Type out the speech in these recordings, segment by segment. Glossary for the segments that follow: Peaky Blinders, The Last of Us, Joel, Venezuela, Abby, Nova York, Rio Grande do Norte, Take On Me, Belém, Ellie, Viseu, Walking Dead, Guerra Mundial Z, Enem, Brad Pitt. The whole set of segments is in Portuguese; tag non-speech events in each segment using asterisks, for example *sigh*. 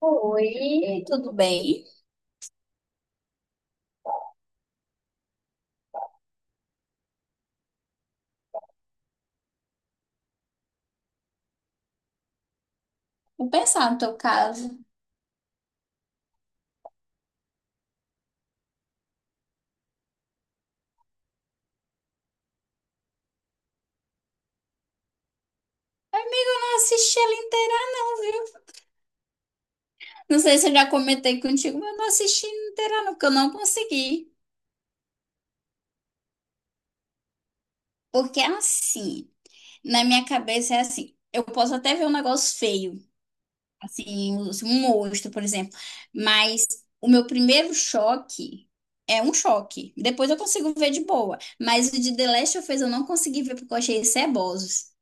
Oi, tudo. Não assisti ela inteira, não, viu? Não sei se eu já comentei contigo, mas eu não assisti inteira, não, porque eu não consegui. Porque é assim, na minha cabeça é assim. Eu posso até ver um negócio feio, assim, um monstro, por exemplo. Mas o meu primeiro choque é um choque. Depois eu consigo ver de boa. Mas o de The Last of Us eu não consegui ver porque eu achei cebosos.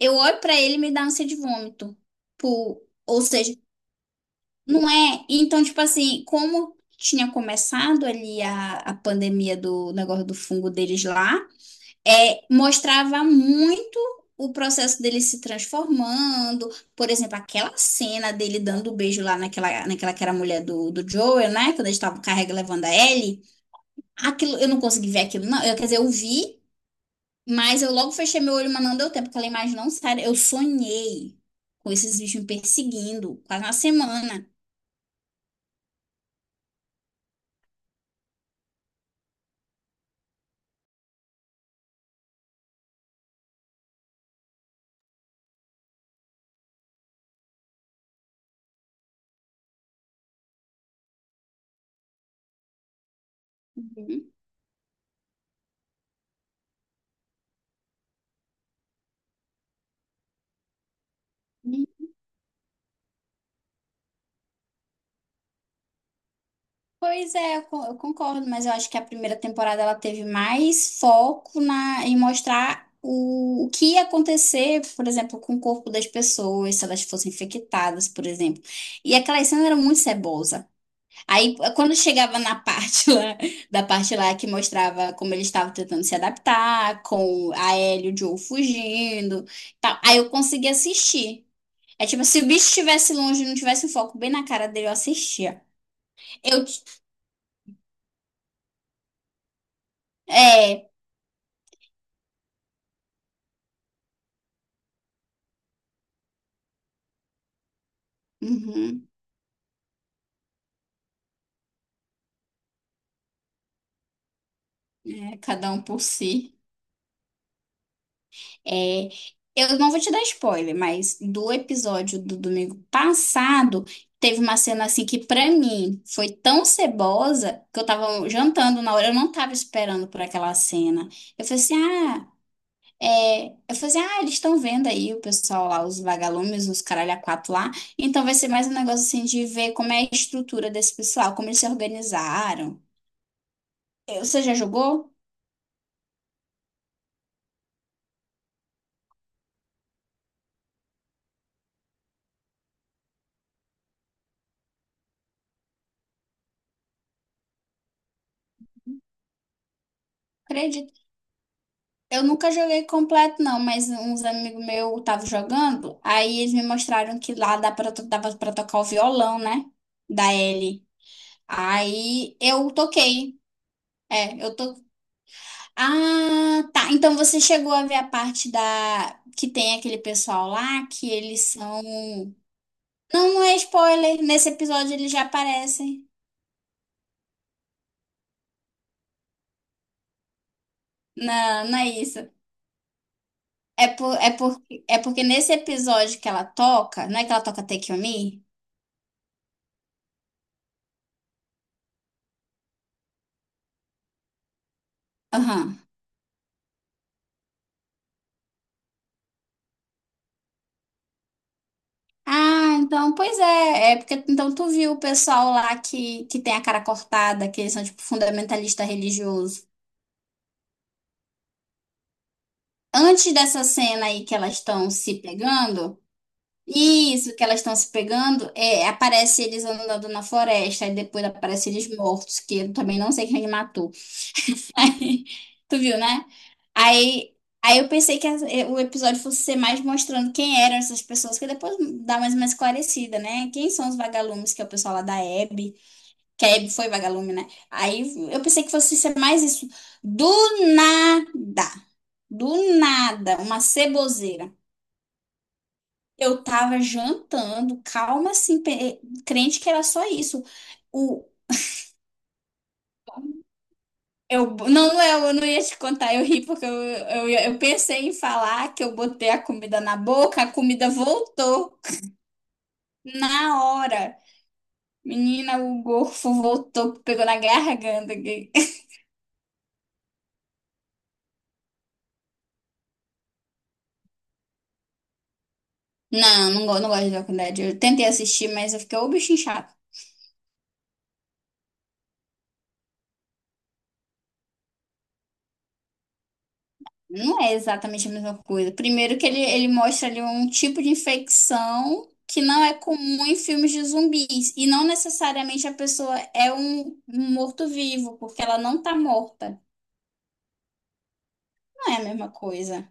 Eu olho pra ele e me dá ânsia de vômito. Pô, ou seja. Não é? Então, tipo assim, como tinha começado ali a pandemia do negócio do fungo deles lá, mostrava muito o processo dele se transformando. Por exemplo, aquela cena dele dando o beijo lá naquela que era a mulher do Joel, né? Quando eles estavam carregando, levando a Ellie. Aquilo, eu não consegui ver aquilo, não. Eu, quer dizer, eu vi, mas eu logo fechei meu olho, mas não deu tempo, porque aquela imagem não sai. Eu sonhei com esses bichos me perseguindo quase uma semana. Uhum. Pois é, eu concordo, mas eu acho que a primeira temporada ela teve mais foco na, em mostrar o que ia acontecer, por exemplo, com o corpo das pessoas, se elas fossem infectadas, por exemplo. E aquela cena era muito cebosa. Aí, quando chegava na parte *laughs* lá, da parte lá que mostrava como eles estavam tentando se adaptar, com a Ellie e o Joe fugindo, e tal, aí eu conseguia assistir. É tipo, se o bicho estivesse longe e não tivesse o foco bem na cara dele, eu assistia. Eu, é. Uhum. É, cada um por si. É, eu não vou te dar spoiler, mas do episódio do domingo passado, teve uma cena assim que pra mim foi tão cebosa que eu tava jantando na hora, eu não tava esperando por aquela cena. Eu falei assim, ah, eles estão vendo aí o pessoal lá, os vagalumes, os caralho a quatro lá, então vai ser mais um negócio assim de ver como é a estrutura desse pessoal, como eles se organizaram. Você já jogou? Eu nunca joguei completo, não, mas uns amigos meus estavam jogando, aí eles me mostraram que lá dá pra, dava pra tocar o violão, né? Da Ellie. Aí eu toquei. É, eu tô. Ah, tá. Então você chegou a ver a parte da. Que tem aquele pessoal lá que eles são. Não, não é spoiler. Nesse episódio eles já aparecem. Não, não é isso. É, por, é, por, é porque nesse episódio que ela toca. Não é que ela toca Take On Me? Aham. Ah, então, pois é porque então tu viu o pessoal lá que tem a cara cortada, que eles são tipo fundamentalista religioso. Antes dessa cena aí que elas estão se pegando, isso que elas estão se pegando, aparece eles andando na floresta e depois aparece eles mortos, que eu também não sei quem matou. *laughs* Aí, tu viu, né? Aí, aí, eu pensei que o episódio fosse ser mais mostrando quem eram essas pessoas, que depois dá mais uma esclarecida, né? Quem são os vagalumes, que é o pessoal lá da Hebe. Que a Abby foi vagalume, né? Aí eu pensei que fosse ser mais isso. Do nada. Do nada. Uma ceboseira. Eu tava jantando, calma assim, crente que era só isso. O, eu, não, Léo, eu não ia te contar, eu ri porque eu pensei em falar que eu botei a comida na boca, a comida voltou na hora. Menina, o gorfo voltou, pegou na garganta. Não, não, não gosto de Walking Dead. Eu tentei assistir, mas eu fiquei, ô, bichinho chato. Não é exatamente a mesma coisa. Primeiro que ele mostra ali um tipo de infecção que não é comum em filmes de zumbis. E não necessariamente a pessoa é um morto-vivo, porque ela não tá morta. Não é a mesma coisa.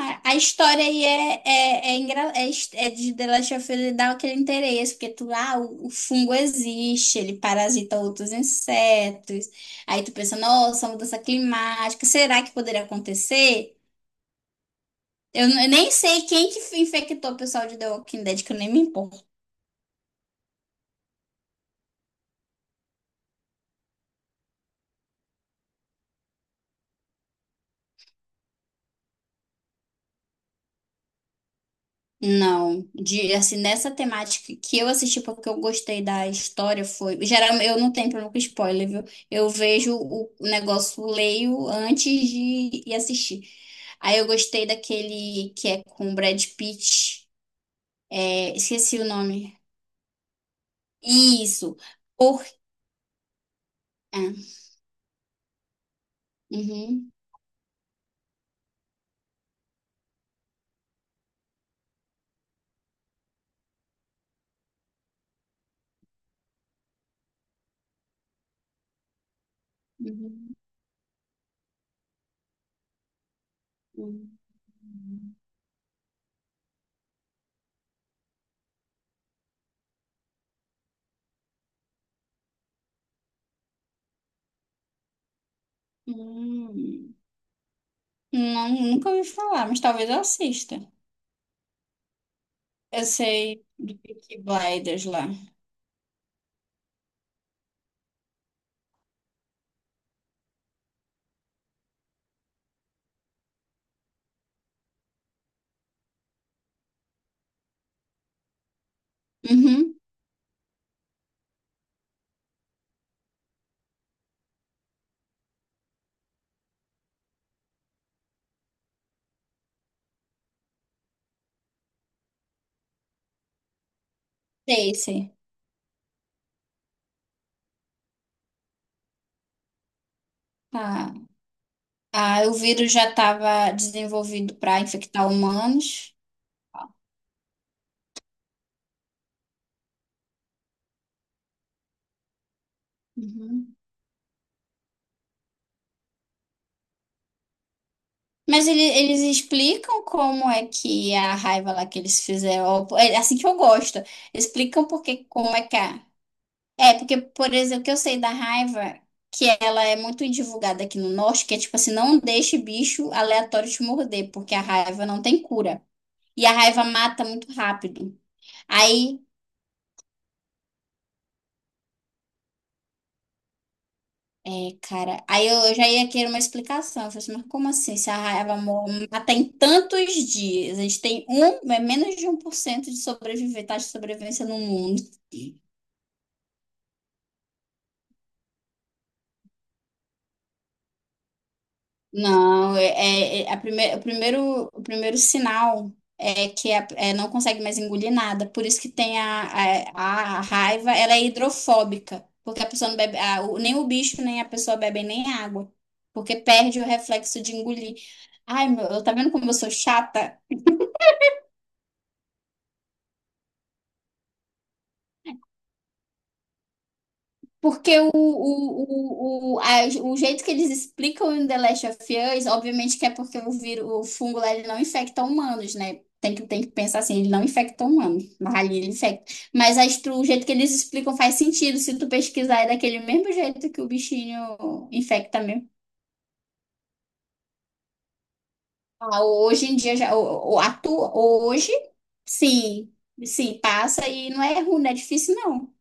Ah, a história aí é de The Last of Us ele aquele interesse, porque tu, ah, o fungo existe, ele parasita outros insetos. Aí tu pensa, nossa, mudança climática, será que poderia acontecer? Eu nem sei quem que infectou o pessoal de The Walking Dead, que eu nem me importo. Não, de assim nessa temática que eu assisti porque eu gostei da história foi, geral eu não tenho problema com spoiler, viu? Eu vejo o negócio, leio antes de ir assistir. Aí eu gostei daquele que é com o Brad Pitt, esqueci o nome. Isso. Por... É. Uhum, uhum, uhum. Hum. Não, nunca ouvi falar, mas talvez eu assista. Eu sei do Peaky Blinders lá. Uhum, sei, sei. Ah, ah, o vírus já estava desenvolvido para infectar humanos. Uhum. Mas eles explicam como é que a raiva lá que eles fizeram, ó, é assim que eu gosto, explicam porque como é que é. É, porque, por exemplo, o que eu sei da raiva, que ela é muito divulgada aqui no norte, que é tipo assim, não deixe bicho aleatório te morder, porque a raiva não tem cura. E a raiva mata muito rápido. Aí, é, cara. Aí eu já ia querer uma explicação. Eu falei assim, mas como assim? Se a raiva mata em tantos dias, a gente tem um, é menos de 1% de sobreviver, taxa de sobrevivência no mundo. Não, é, é a prime- o primeiro sinal é que não consegue mais engolir nada. Por isso que tem a raiva, ela é hidrofóbica, porque a pessoa não bebe, nem o bicho, nem a pessoa bebem nem água, porque perde o reflexo de engolir. Ai, meu, tá vendo como eu sou chata? Porque o jeito que eles explicam em The Last of Us, obviamente que é porque o vírus, o fungo lá, ele não infecta humanos, né? Tem que pensar assim, ele não infecta humanos, mas ali ele infecta. Mas o jeito que eles explicam faz sentido, se tu pesquisar, é daquele mesmo jeito que o bichinho infecta mesmo. Ah, hoje em dia, já, hoje, sim, sim, passa e não é ruim, não é difícil não.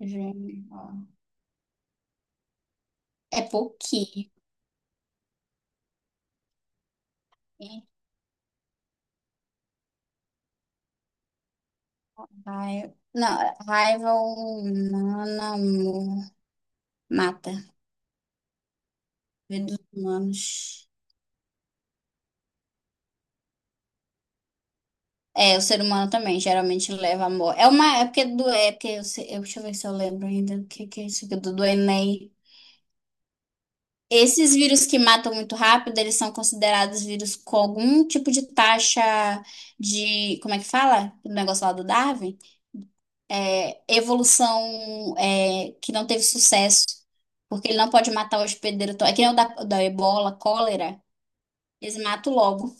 Gente, ó. É pouquinho. Raiva, não, raiva humana, amor, mata. Vida dos humanos. É, o ser humano também geralmente leva amor. É uma, é porque do, é porque eu, sei- eu- deixa eu ver se eu lembro ainda o que é isso aqui do Enem. Esses vírus que matam muito rápido, eles são considerados vírus com algum tipo de taxa de, como é que fala? O negócio lá do Darwin? É, evolução, que não teve sucesso. Porque ele não pode matar o hospedeiro. É que nem o da Ebola, cólera. Eles matam logo.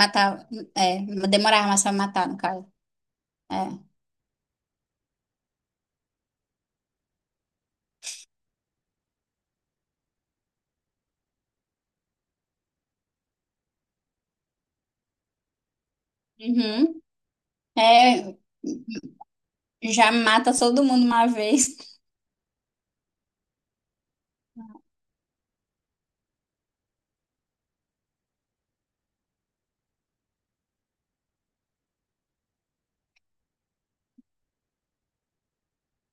Matar, é, demorar mais pra matar, no caso. É. Uhum. É, já mata todo mundo uma vez.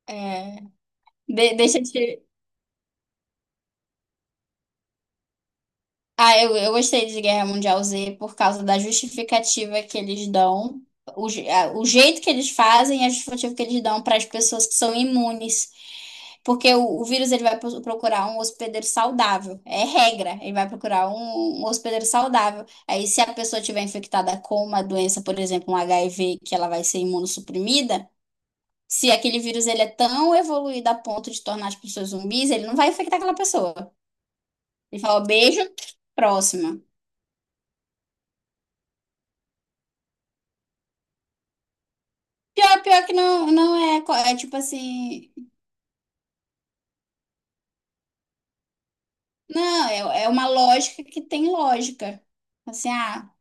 É, de- deixa de Ah, eu gostei de Guerra Mundial Z por causa da justificativa que eles dão, o jeito que eles fazem e a justificativa que eles dão para as pessoas que são imunes. Porque o vírus ele vai procurar um hospedeiro saudável, é regra, ele vai procurar um hospedeiro saudável. Aí, se a pessoa tiver infectada com uma doença, por exemplo, um HIV, que ela vai ser imunossuprimida, se aquele vírus ele é tão evoluído a ponto de tornar as pessoas zumbis, ele não vai infectar aquela pessoa. Ele fala, beijo, próxima. Pior, pior que não, não é, é tipo assim, não, é uma lógica que tem lógica. Assim, ah,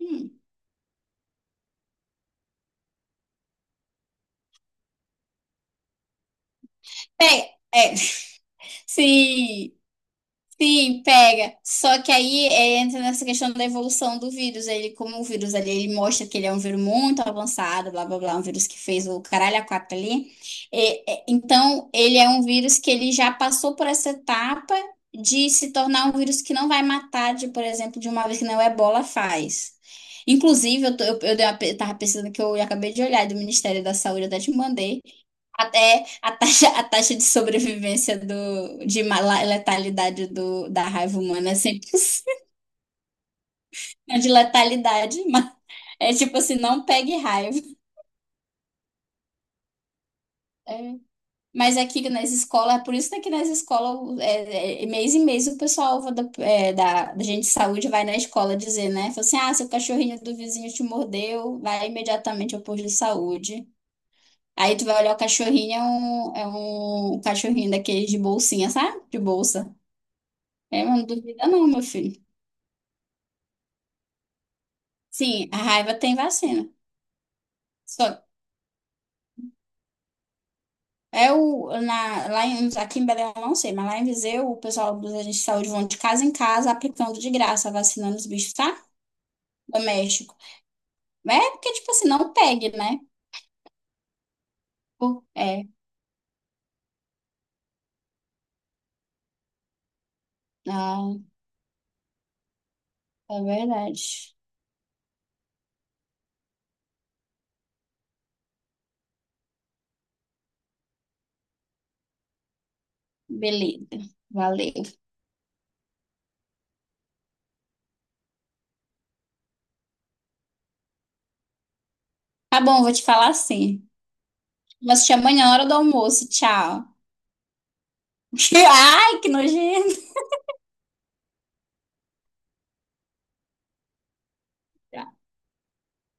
hum, é, é, *laughs* sim. Sim, pega. Só que aí entra nessa questão da evolução do vírus. Ele, como o vírus ali, ele mostra que ele é um vírus muito avançado, blá blá blá, um vírus que fez o caralho a quatro ali. Então, ele é um vírus que ele já passou por essa etapa de se tornar um vírus que não vai matar, de, por exemplo, de uma vez que não o Ebola faz. Inclusive, eu tava pesquisando que eu acabei de olhar do Ministério da Saúde, eu até te mandei. Até a taxa de sobrevivência de letalidade da raiva humana é 100% *laughs* de letalidade, mas é tipo assim, não pegue raiva. É. Mas aqui nas escolas, por isso que aqui nas escolas, mês em mês, o pessoal da gente de saúde vai na escola dizer, né? Fala assim, ah, seu cachorrinho do vizinho te mordeu, vai imediatamente ao posto de saúde. Aí tu vai olhar o cachorrinho, é um cachorrinho daqueles de bolsinha, sabe? De bolsa. É, mas não duvida não, meu filho. Sim, a raiva tem vacina. Só é o na, lá em, Aqui em Belém eu não sei, mas lá em Viseu o pessoal dos agentes de saúde vão de casa em casa aplicando de graça, vacinando os bichos, tá? Doméstico. É porque, tipo assim, não pegue, né? É, não, é verdade. Beleza, valeu. Tá bom, vou te falar assim. Mas te amanhã na hora do almoço, tchau. *laughs* Ai, que nojento.